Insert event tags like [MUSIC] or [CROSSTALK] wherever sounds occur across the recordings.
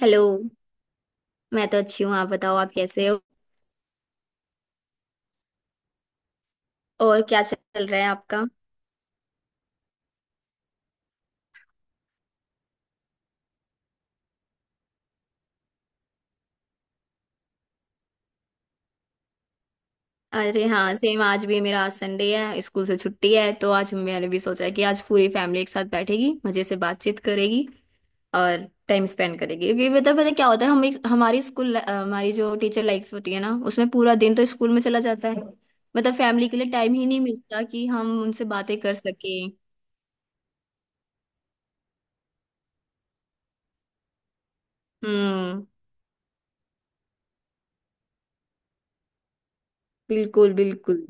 Hello. मैं तो अच्छी हूँ, आप बताओ आप कैसे हो। और क्या चल रहा है आपका। अरे हाँ सेम, आज भी मेरा आज संडे है, स्कूल से छुट्टी है, तो आज मैंने भी सोचा कि आज पूरी फैमिली एक साथ बैठेगी, मजे से बातचीत करेगी और टाइम स्पेंड करेगी। क्योंकि पता पता क्या होता है, हम एक हमारी स्कूल, हमारी जो टीचर लाइफ होती है ना, उसमें पूरा दिन तो स्कूल में चला जाता है। मतलब फैमिली के लिए टाइम ही नहीं मिलता कि हम उनसे बातें कर सकें। हम्म। बिल्कुल, बिल्कुल।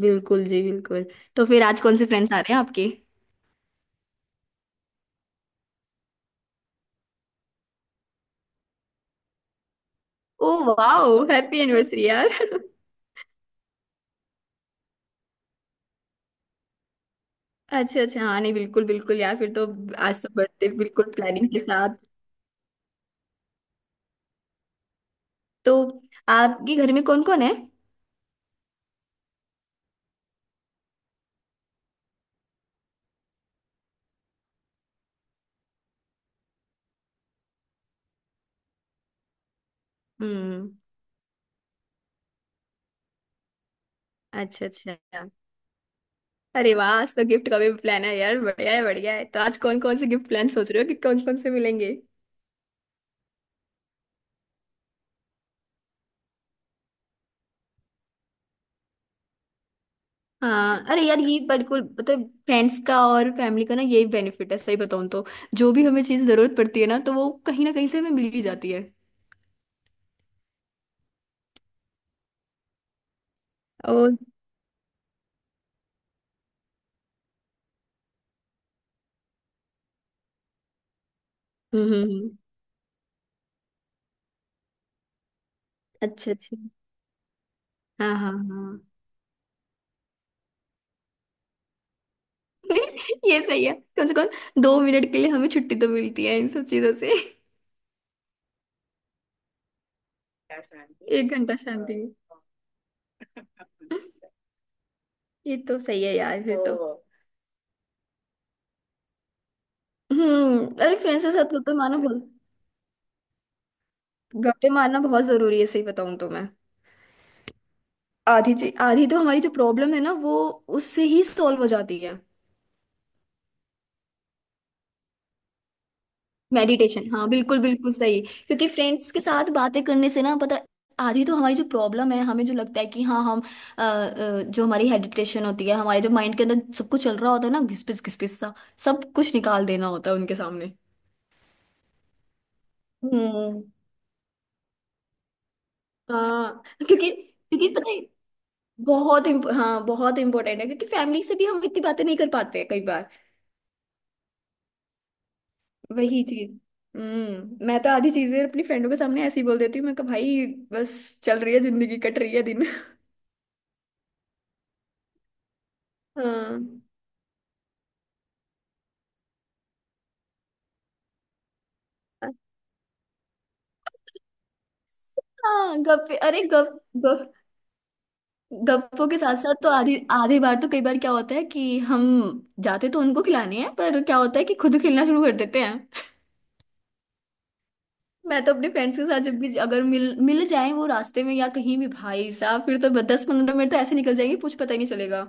बिल्कुल जी, बिल्कुल। तो फिर आज कौन से फ्रेंड्स आ रहे हैं आपके। Oh wow! हैप्पी एनिवर्सरी यार। [LAUGHS] अच्छा, अच्छा। हाँ नहीं, बिल्कुल, बिल्कुल यार, फिर तो। आज तो बर्थडे बिल्कुल प्लानिंग के साथ। तो आपके घर में कौन कौन है। हम्म। अच्छा, अच्छा। अरे वाह! आज तो गिफ्ट का भी प्लान है यार, बढ़िया है, बढ़िया है। तो आज कौन कौन से गिफ्ट प्लान सोच रहे हो कि कौन कौन से मिलेंगे। हाँ। अरे यार, ये बिल्कुल मतलब फ्रेंड्स का और फैमिली का ना, यही बेनिफिट है सही बताऊँ तो। जो भी हमें चीज़ ज़रूरत पड़ती है ना, तो वो कहीं ना कहीं से हमें मिल ही जाती है। और हम्म, अच्छा, अच्छा। हाँ, हाँ, हाँ। [LAUGHS] ये सही है। कम से कम 2 मिनट के लिए हमें छुट्टी तो मिलती है इन सब चीजों से। [LAUGHS] एक घंटा शांति। ये तो सही है यार, फिर तो। हम्म। अरे फ्रेंड्स के साथ गप्पे मारना बहुत। गप्पे मारना बहुत जरूरी है सही बताऊं तो मैं। आधी तो हमारी जो प्रॉब्लम है ना, वो उससे ही सॉल्व हो जाती है। मेडिटेशन, हाँ बिल्कुल, बिल्कुल सही। क्योंकि फ्रेंड्स के साथ बातें करने से ना पता, आधी तो हमारी जो प्रॉब्लम है, हमें जो लगता है कि हाँ हम, जो हमारी हेडिटेशन होती है, हमारे जो माइंड के अंदर सब कुछ चल रहा होता है ना, घिसपिस घिसपिस सा, सब कुछ निकाल देना होता है उनके सामने। हम्म। हाँ, क्योंकि क्योंकि पता है। हाँ बहुत इम्पोर्टेंट है, क्योंकि फैमिली से भी हम इतनी बातें नहीं कर पाते हैं कई बार। वही चीज। हम्म। मैं तो आधी चीजें अपनी फ्रेंडों के सामने ऐसे ही बोल देती हूँ, मैं कहा भाई, बस चल रही है जिंदगी, कट रही है दिन। हाँ। हाँ गप्पे, अरे गप, गप। गप्पों के साथ साथ तो आधी आधी बार, तो कई बार क्या होता है कि हम जाते तो उनको खिलाने हैं, पर क्या होता है कि खुद खेलना शुरू कर देते हैं। मैं तो अपने फ्रेंड्स के साथ जब भी अगर मिल मिल जाए, वो रास्ते में या कहीं भी, भाई साहब, फिर तो 10-15 मिनट तो ऐसे निकल जाएंगे, कुछ पता ही नहीं चलेगा।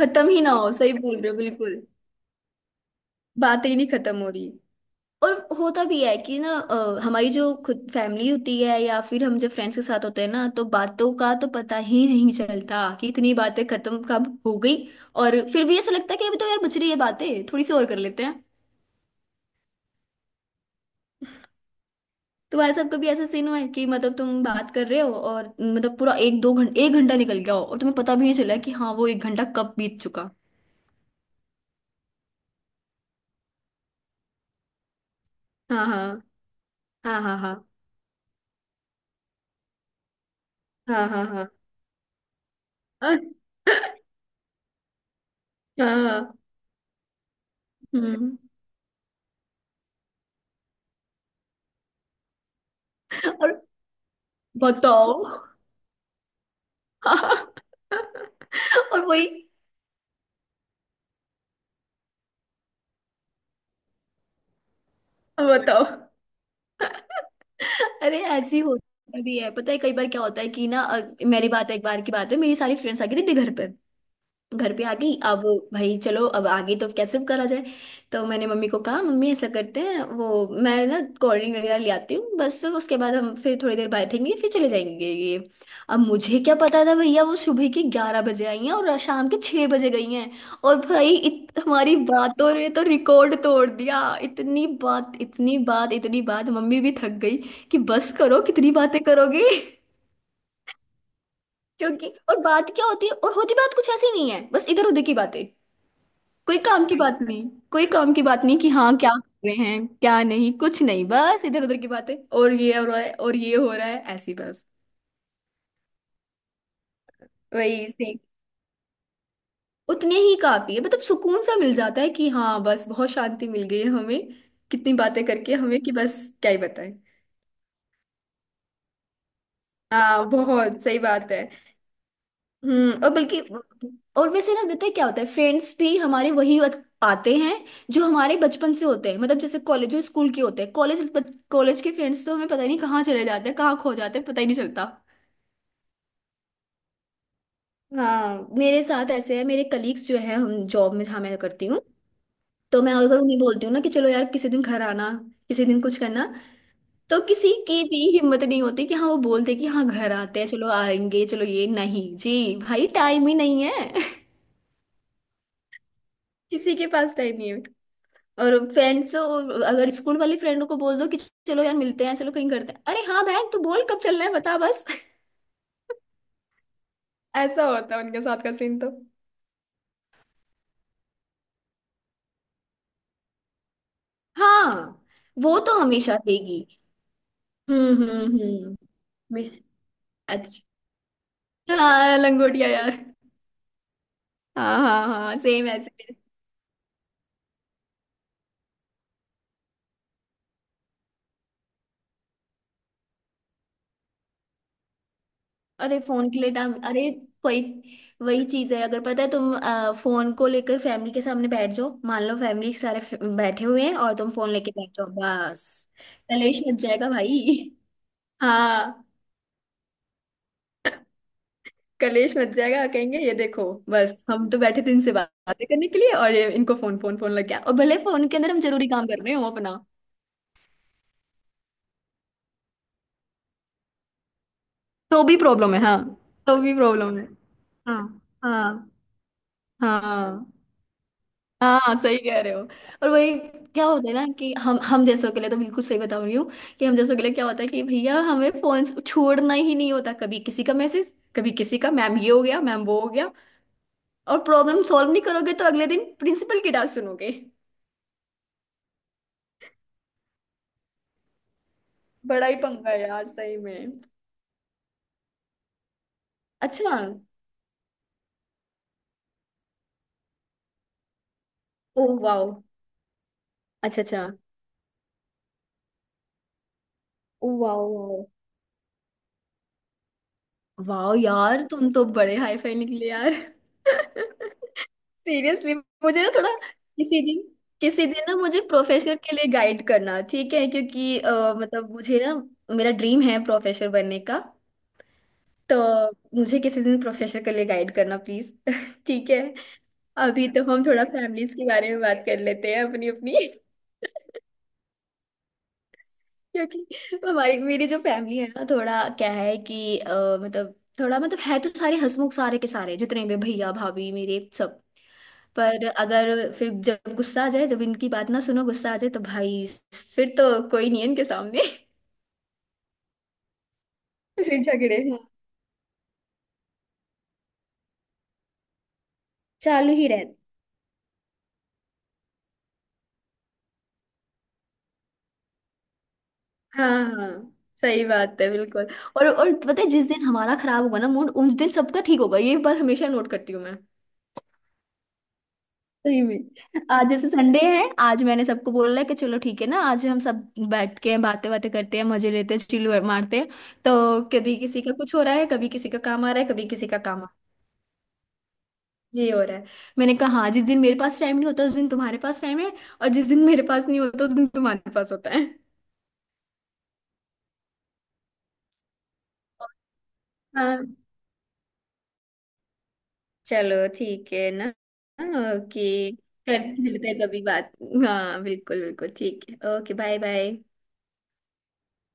खत्म ही ना हो, सही बोल रहे हो बिल्कुल। बातें ही नहीं खत्म हो रही। और होता भी है कि ना, हमारी जो खुद फैमिली होती है या फिर हम जब फ्रेंड्स के साथ होते हैं ना, तो बातों का तो पता ही नहीं चलता कि इतनी बातें खत्म कब हो गई। और फिर भी ऐसा लगता है कि अभी तो यार बच रही है बातें, थोड़ी सी और कर लेते हैं। तुम्हारे साथ कभी ऐसा सीन हुआ है कि मतलब तुम बात कर रहे हो और मतलब पूरा एक दो घंटा, एक घंटा निकल गया हो, और तुम्हें पता भी नहीं चला कि हाँ वो एक घंटा कब बीत चुका। हाँ, हाँ, हाँ, हाँ, हाँ, हाँ, हाँ, हाँ। [LAUGHS] हाँ, हाँ। हम्म। और बताओ। [LAUGHS] हाँ। और वही। बताओ। अरे ऐसी होता भी है पता है, कई बार क्या होता है कि ना, मेरी बात है, एक बार की बात है, मेरी सारी फ्रेंड्स आ गई थी घर पर। घर पे आ गई, अब भाई चलो, अब आगे तो कैसे भी करा जाए। तो मैंने मम्मी को कहा, मम्मी ऐसा करते हैं वो, मैं ना कोल्ड ड्रिंक वगैरह ले आती हूँ, बस उसके बाद हम फिर थोड़ी देर बैठेंगे, फिर चले जाएंगे ये। अब मुझे क्या पता था भैया, वो सुबह के 11 बजे आई हैं और शाम के 6 बजे गई हैं। और भाई हमारी बातों ने तो रिकॉर्ड तोड़ दिया, इतनी बात, इतनी बात, इतनी बात, मम्मी भी थक गई कि बस करो, कितनी बातें करोगे। [LAUGHS] क्योंकि और बात क्या होती है, और होती बात कुछ ऐसी नहीं है, बस इधर उधर की बातें। कोई काम की बात नहीं। कोई काम की बात नहीं कि हाँ क्या कर रहे हैं क्या नहीं, कुछ नहीं, बस इधर उधर की बातें, और ये हो रहा है और ये हो रहा है, ऐसी बस। वही से। उतने ही काफी है, मतलब सुकून सा मिल जाता है कि हाँ बस बहुत शांति मिल गई है हमें, कितनी बातें करके हमें कि बस क्या ही बताएं। हाँ बहुत सही बात है। हम्म, और बल्कि। और वैसे ना पता है क्या होता है, फ्रेंड्स भी हमारे वही आते हैं जो हमारे बचपन से होते हैं, मतलब जैसे कॉलेज, जो स्कूल के होते हैं, कॉलेज, कॉलेज के फ्रेंड्स तो हमें पता ही नहीं कहाँ चले जाते हैं, कहाँ खो जाते हैं, पता ही नहीं चलता। हाँ मेरे साथ ऐसे है, मेरे कलीग्स जो है, हम जॉब में जहाँ मैं करती हूँ, तो मैं अगर उन्हें बोलती हूँ ना कि चलो यार किसी दिन घर आना, किसी दिन कुछ करना, तो किसी की भी हिम्मत नहीं होती कि हाँ, वो बोलते कि हाँ घर आते हैं, चलो आएंगे चलो, ये नहीं जी, भाई टाइम ही नहीं है। [LAUGHS] किसी के पास टाइम नहीं है। और फ्रेंड्स अगर स्कूल वाली फ्रेंडों को बोल दो कि चलो यार मिलते हैं, चलो कहीं करते हैं, अरे हाँ बहन तू बोल कब चलना है बता बस। [LAUGHS] ऐसा होता है उनके साथ का सीन तो। हाँ। वो तो हमेशा रहेगी। हम्म, हम्म, हम्म। मैं- अच्छा। हाँ लंगोटिया यार। हाँ, हाँ, हाँ। सेम ऐसे। अरे फोन के लिए डाम, अरे। वही वही चीज है, अगर पता है तुम फोन को लेकर फैमिली के सामने बैठ जाओ, मान लो फैमिली सारे बैठे हुए हैं और तुम फोन लेके बैठ जाओ बस, कलेश मच जाएगा भाई। हाँ, कलेश मच जाएगा, कहेंगे ये देखो, बस हम तो बैठे थे इनसे बातें करने के लिए और ये इनको फोन, फोन, फोन लग गया, और भले फोन के अंदर हम जरूरी काम कर रहे हो अपना, तो भी प्रॉब्लम है। हाँ, तो भी प्रॉब्लम है। हाँ, हाँ। हाँ, हाँ सही कह रहे हो। और वही क्या होता है ना कि हम जैसों के लिए तो बिल्कुल सही बता रही हूँ, कि हम जैसों के लिए क्या होता है कि भैया हमें फोन छोड़ना ही नहीं होता, कभी किसी का मैसेज, कभी किसी का मैम ये हो गया, मैम वो हो गया, और प्रॉब्लम सॉल्व नहीं करोगे तो अगले दिन प्रिंसिपल की डांट सुनोगे। बड़ा ही पंगा है यार, सही में। अच्छा। Oh wow. अच्छा, अच्छा। Oh wow, wow. वाओ यार, तुम तो बड़े हाई फाई निकले यार। [LAUGHS] सीरियसली। मुझे ना थोड़ा, किसी दिन, किसी दिन ना मुझे प्रोफेसर के लिए गाइड करना ठीक है, क्योंकि मतलब मुझे ना, मेरा ड्रीम है प्रोफेसर बनने का, तो मुझे किसी दिन प्रोफेसर के लिए गाइड करना प्लीज। [LAUGHS] ठीक है। अभी तो हम थोड़ा फैमिलीज के बारे में बात कर लेते हैं अपनी अपनी। [LAUGHS] क्योंकि हमारी मेरी जो फैमिली है ना, थोड़ा क्या है कि मतलब, थोड़ा मतलब है तो सारे हंसमुख, सारे के सारे जितने भी भैया भाभी मेरे सब। पर अगर फिर जब गुस्सा आ जाए, जब इनकी बात ना सुनो गुस्सा आ जाए, तो भाई फिर तो कोई नहीं है इनके सामने। [LAUGHS] फिर झगड़े, हाँ चालू ही रहते। हाँ, हाँ सही बात है, बिल्कुल। और पता है, जिस दिन हमारा खराब होगा ना मूड, उस दिन सबका ठीक होगा, ये बात हमेशा नोट करती हूँ मैं। सही में। आज जैसे संडे है, आज मैंने सबको बोला है कि चलो ठीक है ना, आज हम सब बैठ के बातें बातें करते हैं, मजे लेते हैं, चिल्लू मारते हैं तो। कभी किसी का कुछ हो रहा है, कभी किसी का काम आ रहा है, कभी किसी का काम आ ये हो रहा है। मैंने कहा हाँ, जिस दिन मेरे पास टाइम नहीं होता उस दिन तुम्हारे पास टाइम है, और जिस दिन मेरे पास नहीं होता उस दिन तुम्हारे पास होता है। हाँ। चलो ठीक है ना। ओके। कर मिलते हैं कभी बात। हाँ बिल्कुल, बिल्कुल ठीक है। ओके। Bye bye.